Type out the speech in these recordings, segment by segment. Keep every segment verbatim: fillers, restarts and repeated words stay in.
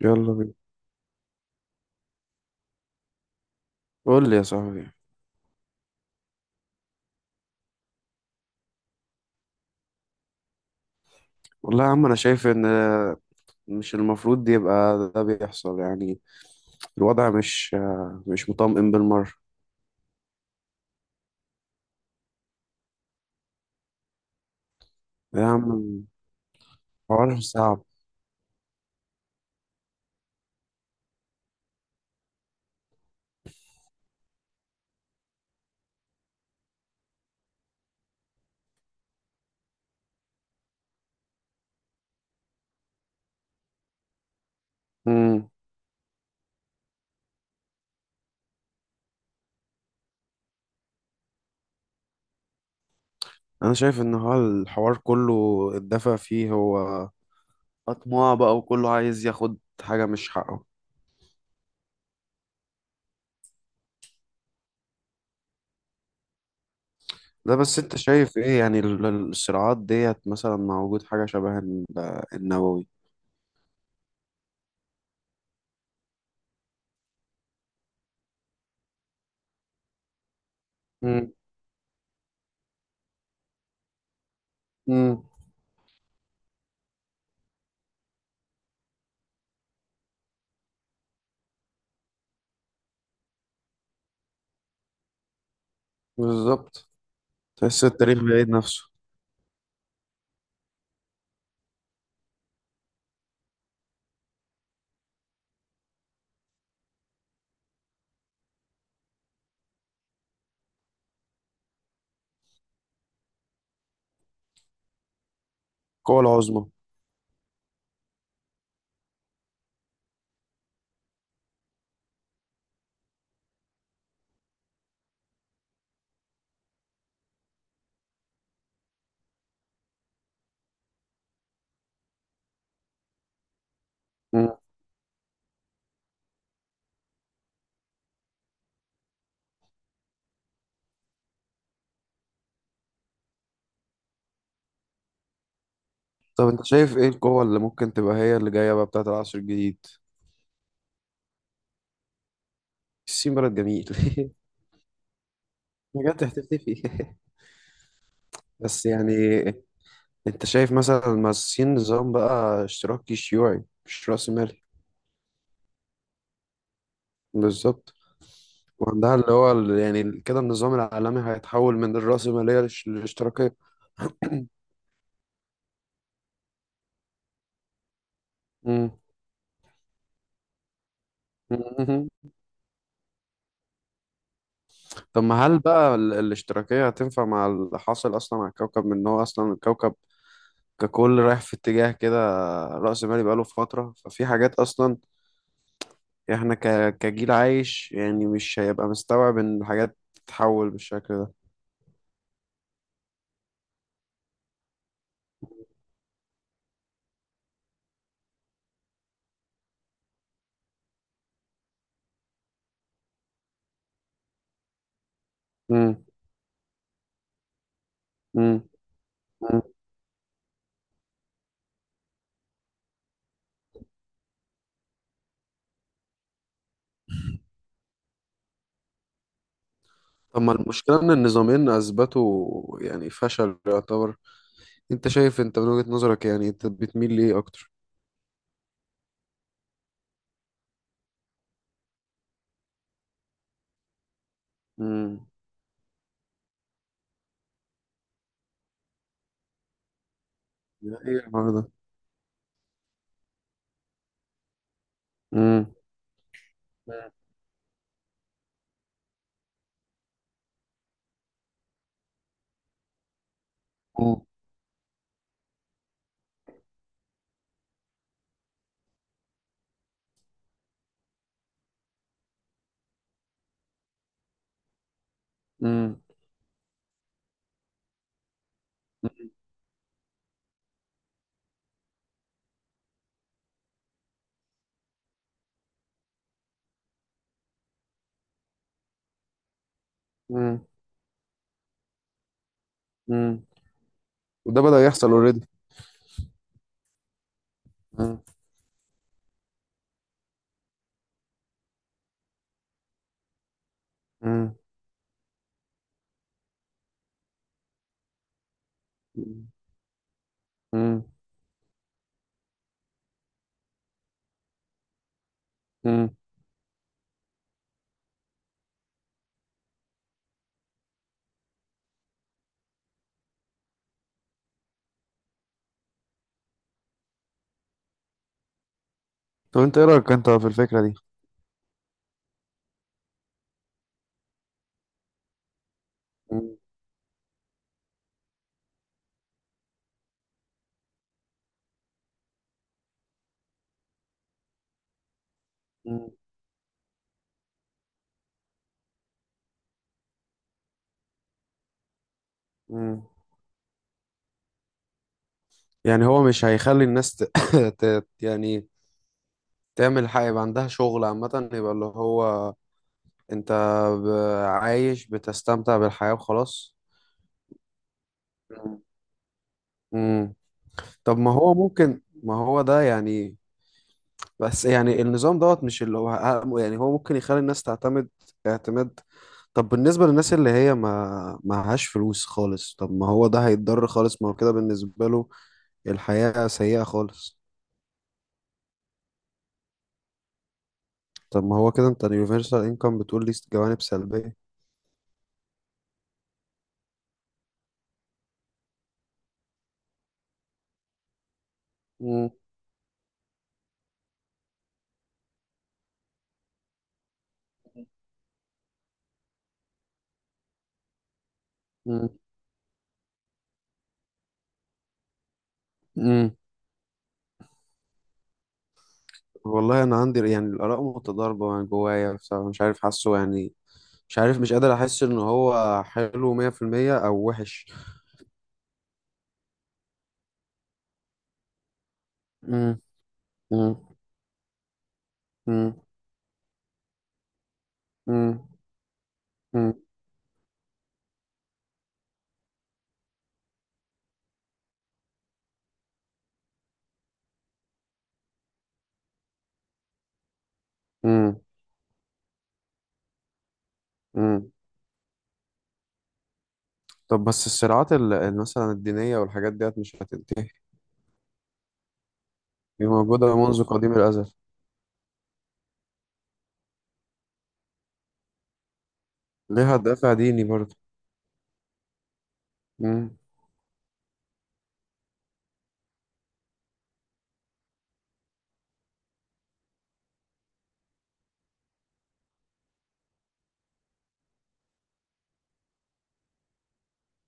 يلا بينا. قول لي يا صاحبي. والله يا عم، انا شايف ان مش المفروض يبقى ده بيحصل يعني. الوضع مش مش مطمئن بالمرة. يا عم، حوار صعب. امم. انا شايف ان هو الحوار كله، الدفع فيه هو اطماع بقى، وكله عايز ياخد حاجة مش حقه. ده بس انت شايف ايه يعني ال- ال- الصراعات ديت مثلا مع وجود حاجة شبه ال- النووي؟ امم. امم. بالظبط. تحس التاريخ بيعيد نفسه. القوة العظمى. طب انت شايف ايه القوة اللي ممكن تبقى هي اللي جاية بقى بتاعت العصر الجديد؟ الصين بلد جميل. بجد هتختفي؟ بس يعني انت شايف مثلا، ما الصين نظام بقى اشتراكي شيوعي مش رأسمالي. بالظبط. وعندها اللي هو ال- يعني ال- كده النظام العالمي هيتحول من الرأسمالية للش- للاشتراكية. مم. طب ما هل بقى ال- الاشتراكية هتنفع مع اللي حاصل أصلا على الكوكب، من إن هو أصلا الكوكب ككل رايح في اتجاه كده رأسمالي بقاله فترة. ففي حاجات أصلا احنا ك... كجيل عايش يعني مش هيبقى مستوعب ان الحاجات تتحول بالشكل ده. امم. امم. امم. طب ما المشكلة ان النظامين اثبتوا يعني فشل يعتبر. انت شايف انت من وجهة نظرك يعني انت بتميل ليه اكتر؟ امم. ايه الحوار ده؟ امم. امم. امم. امم. امم. وده بدأ يحصل اوريدي. امم. امم. امم. امم. طب انت ايه رأيك انت في الفكرة دي؟ امم. امم. يعني هو مش هيخلي الناس ت... ت... يعني تعمل حاجة يبقى عندها شغل، عامة يبقى اللي هو انت ب... عايش بتستمتع بالحياة وخلاص. مم. مم. طب ما هو ممكن ما هو ده يعني. بس يعني النظام دوت مش اللي هو ه- يعني هو ممكن يخلي الناس تعتمد اعتماد. طب بالنسبة للناس اللي هي ما معهاش فلوس خالص، طب ما هو ده هيتضر خالص، ما هو كده بالنسبة له الحياة سيئة خالص. طب ما هو كده انت، اليونيفرسال انكم بتقول لي جوانب سلبية. مم. مم. مم. والله انا عندي يعني الاراء متضاربه يعني جوايا بصراحه مش عارف حاسه يعني. مش عارف، مش قادر احس ان هو حلو مية في المية او وحش. مم. مم. مم. مم. مم. امم. امم. طب بس الصراعات ال- ال- مثلا الدينيه والحاجات ديت مش هتنتهي. هي موجوده منذ قديم الازل. ليها دافع ديني برضه. امم.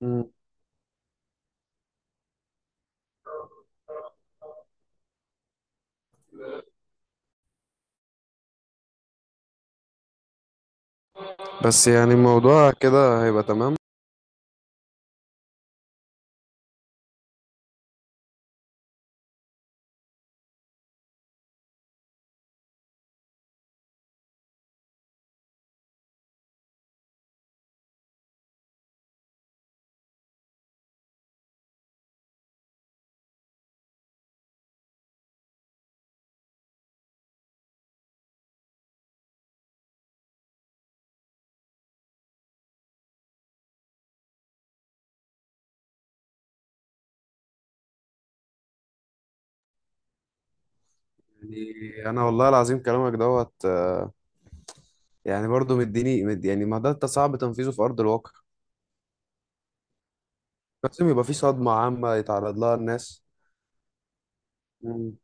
مم. بس يعني الموضوع كده هيبقى تمام؟ يعني انا والله العظيم كلامك دوت، يعني برضه مديني مد، يعني ما ده انت صعب تنفيذه في ارض الواقع. لازم يبقى في صدمه عامه يتعرض لها الناس. مم.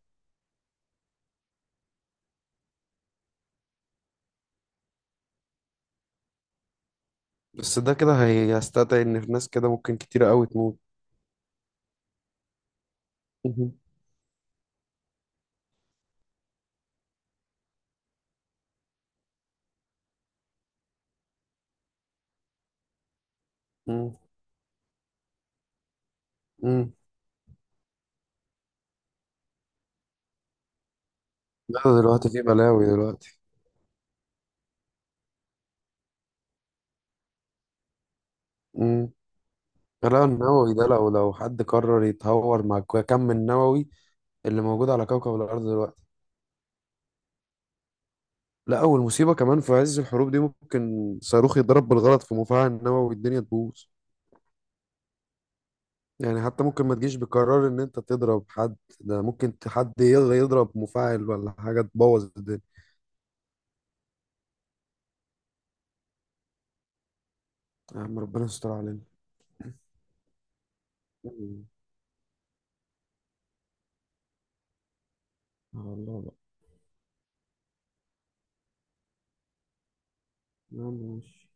بس ده كده هيستدعي ان في ناس كده ممكن كتيره قوي تموت. مهم. مم. مم. امم. لا، ده دلوقتي في بلاوي دلوقتي. امم. الغلاء النووي ده لو لو حد قرر يتهور مع الك- كم النووي اللي موجود على كوكب الارض دلوقتي. لا، والمصيبه كمان في عز الحروب دي ممكن صاروخ يضرب بالغلط في مفاعل نووي الدنيا تبوظ. يعني حتى ممكن ما تجيش بقرار ان انت تضرب حد، ده ممكن ت- حد يلا يضرب مفاعل ولا حاجة تبوظ الدنيا. يا عم، ربنا يستر علينا. مم. على الله بقى. يا عم، ماشي.